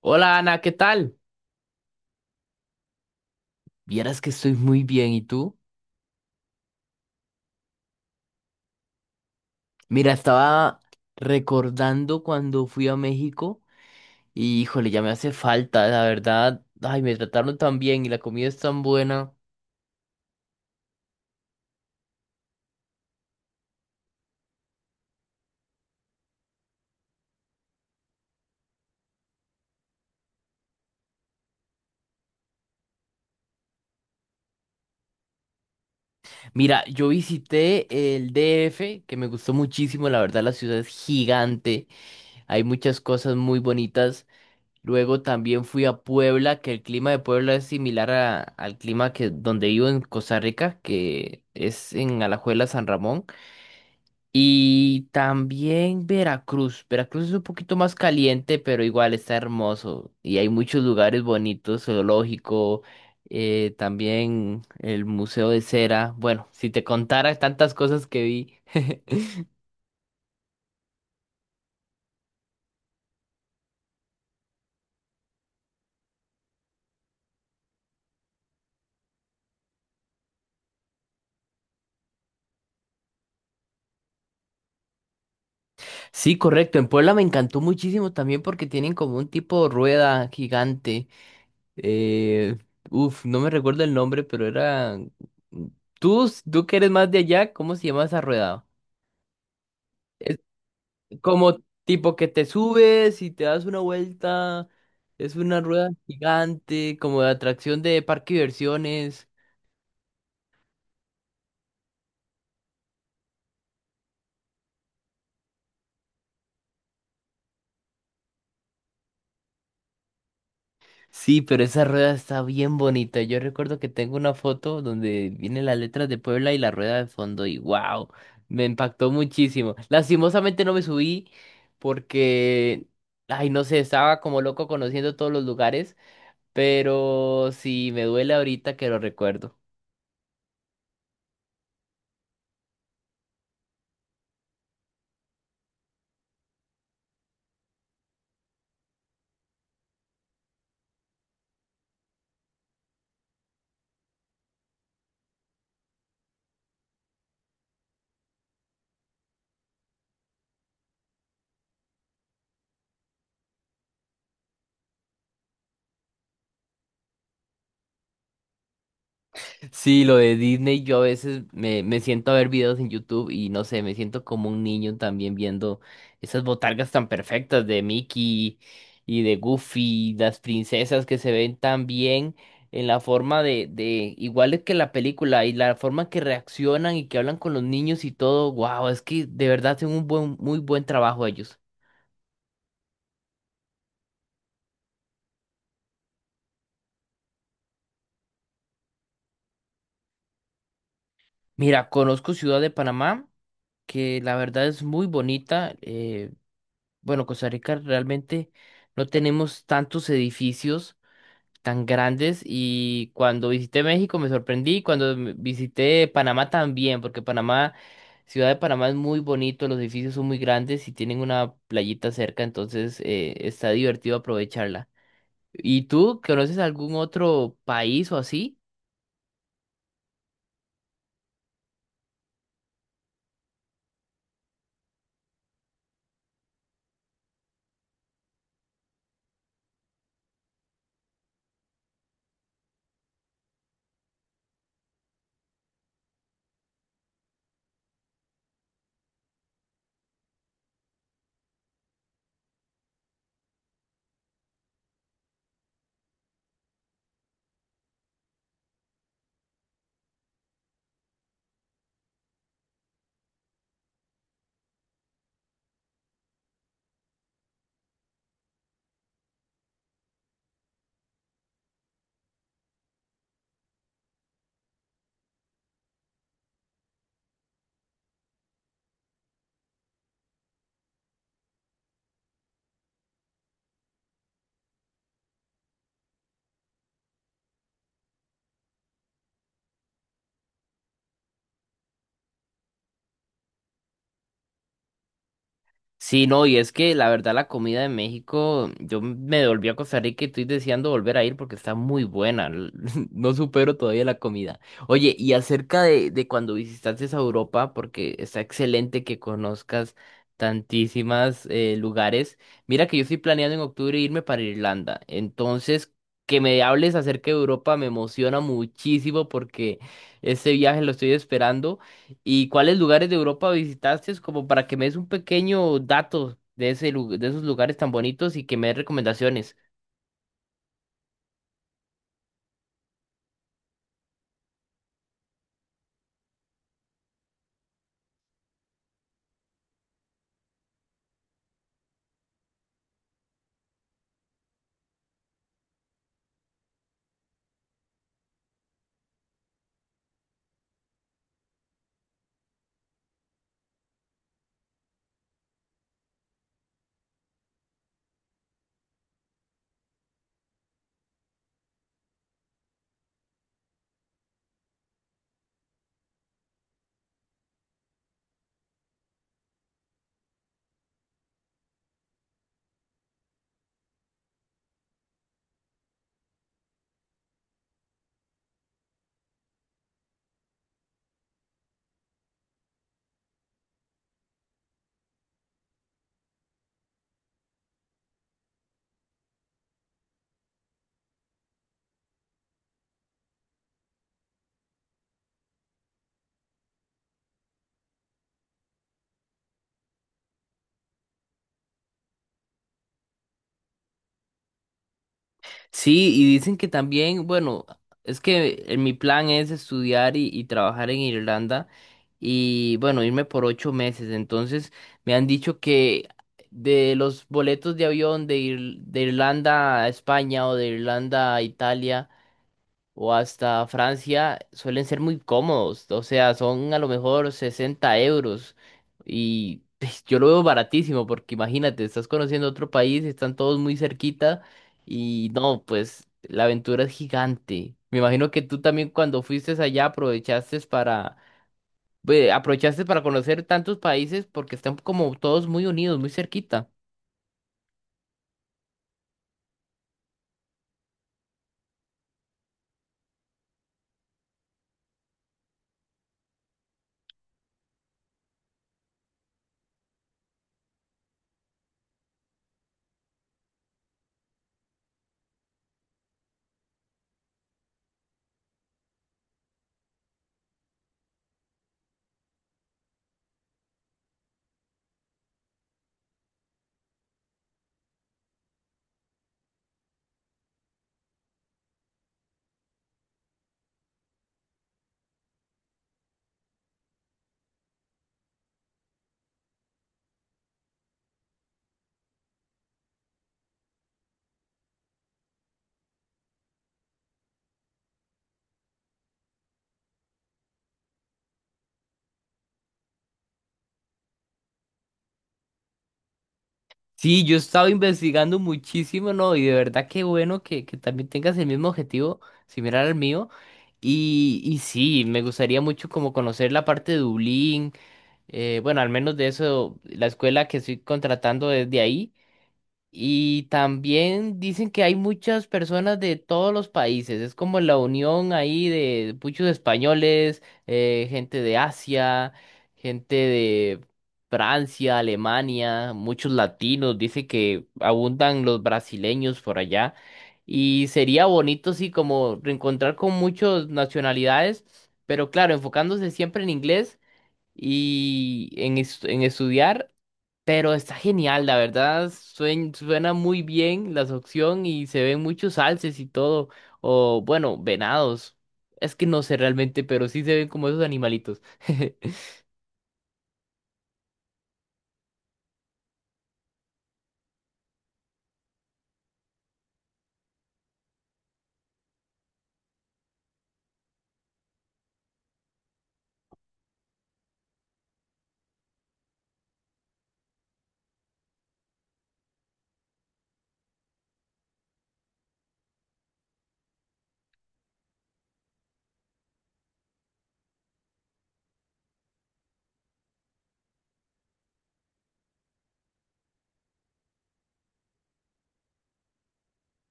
Hola Ana, ¿qué tal? Vieras que estoy muy bien, ¿y tú? Mira, estaba recordando cuando fui a México y híjole, ya me hace falta, la verdad. Ay, me trataron tan bien y la comida es tan buena. Mira, yo visité el DF, que me gustó muchísimo, la verdad la ciudad es gigante, hay muchas cosas muy bonitas. Luego también fui a Puebla, que el clima de Puebla es similar al clima que donde vivo en Costa Rica, que es en Alajuela, San Ramón. Y también Veracruz. Veracruz es un poquito más caliente, pero igual está hermoso. Y hay muchos lugares bonitos, zoológico, también el Museo de Cera. Bueno, si te contara tantas cosas que vi. Sí, correcto. En Puebla me encantó muchísimo también porque tienen como un tipo de rueda gigante. Eh, no me recuerdo el nombre, pero era... Tú que eres más de allá, ¿cómo se llama esa rueda? Como tipo que te subes y te das una vuelta, es una rueda gigante, como de atracción de parque de diversiones. Sí, pero esa rueda está bien bonita. Yo recuerdo que tengo una foto donde vienen las letras de Puebla y la rueda de fondo y wow, me impactó muchísimo. Lastimosamente no me subí porque, ay, no sé, estaba como loco conociendo todos los lugares, pero sí, me duele ahorita que lo recuerdo. Sí, lo de Disney, yo a veces me siento a ver videos en YouTube y no sé, me siento como un niño también viendo esas botargas tan perfectas de Mickey y de Goofy, las princesas que se ven tan bien en la forma de iguales que la película y la forma que reaccionan y que hablan con los niños y todo, wow, es que de verdad hacen un buen, muy buen trabajo ellos. Mira, conozco Ciudad de Panamá, que la verdad es muy bonita. Bueno, Costa Rica realmente no tenemos tantos edificios tan grandes y cuando visité México me sorprendí, cuando visité Panamá también, porque Panamá, Ciudad de Panamá es muy bonito, los edificios son muy grandes y tienen una playita cerca, entonces está divertido aprovecharla. ¿Y tú conoces algún otro país o así? Sí, no, y es que la verdad la comida de México, yo me volví a Costa Rica y estoy deseando volver a ir porque está muy buena. No supero todavía la comida. Oye, y acerca de cuando visitaste a Europa, porque está excelente que conozcas tantísimas lugares. Mira que yo estoy planeando en octubre irme para Irlanda. Entonces, que me hables acerca de Europa me emociona muchísimo porque este viaje lo estoy esperando. ¿Y cuáles lugares de Europa visitaste? Como para que me des un pequeño dato de de esos lugares tan bonitos y que me des recomendaciones. Sí, y dicen que también, bueno, es que mi plan es estudiar y trabajar en Irlanda y, bueno, irme por 8 meses. Entonces, me han dicho que de los boletos de avión de Irlanda a España o de Irlanda a Italia o hasta Francia suelen ser muy cómodos. O sea, son a lo mejor 60 euros. Y pues, yo lo veo baratísimo porque imagínate, estás conociendo otro país, están todos muy cerquita y no, pues la aventura es gigante. Me imagino que tú también cuando fuiste allá aprovechaste para, aprovechaste para conocer tantos países porque están como todos muy unidos, muy cerquita. Sí, yo estaba investigando muchísimo, ¿no? Y de verdad qué bueno que también tengas el mismo objetivo similar al mío. Y sí, me gustaría mucho como conocer la parte de Dublín. Bueno, al menos de eso, la escuela que estoy contratando es de ahí. Y también dicen que hay muchas personas de todos los países. Es como la unión ahí de muchos españoles, gente de Asia, gente de Francia, Alemania, muchos latinos. Dice que abundan los brasileños por allá. Y sería bonito, sí, como reencontrar con muchas nacionalidades, pero claro, enfocándose siempre en inglés y en estudiar. Pero está genial, la verdad, suena muy bien la opción y se ven muchos alces y todo, o bueno, venados. Es que no sé realmente, pero sí se ven como esos animalitos.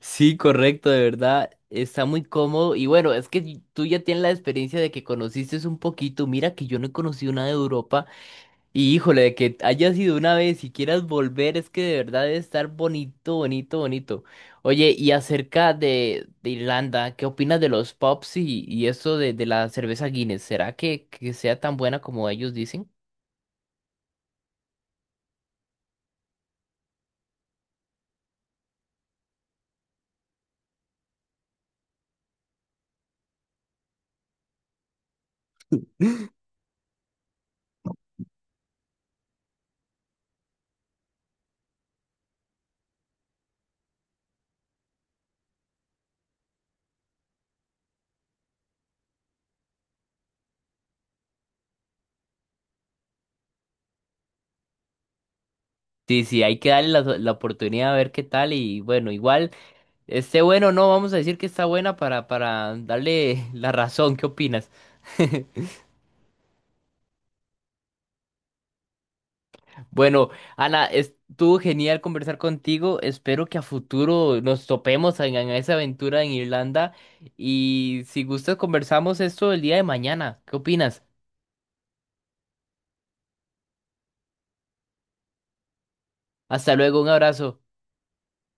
Sí, correcto, de verdad, está muy cómodo y bueno, es que tú ya tienes la experiencia de que conociste un poquito, mira que yo no he conocido nada de Europa. Y híjole, de que hayas ido una vez y quieras volver, es que de verdad debe estar bonito, bonito, bonito. Oye, y acerca de Irlanda, ¿qué opinas de los pubs y eso de la cerveza Guinness? ¿Será que sea tan buena como ellos dicen? Sí, sí, hay que darle la oportunidad a ver qué tal y bueno, igual esté bueno o no, vamos a decir que está buena para darle la razón, ¿qué opinas? Bueno, Ana, estuvo genial conversar contigo. Espero que a futuro nos topemos en esa aventura en Irlanda. Y si gustas, conversamos esto el día de mañana. ¿Qué opinas? Hasta luego, un abrazo.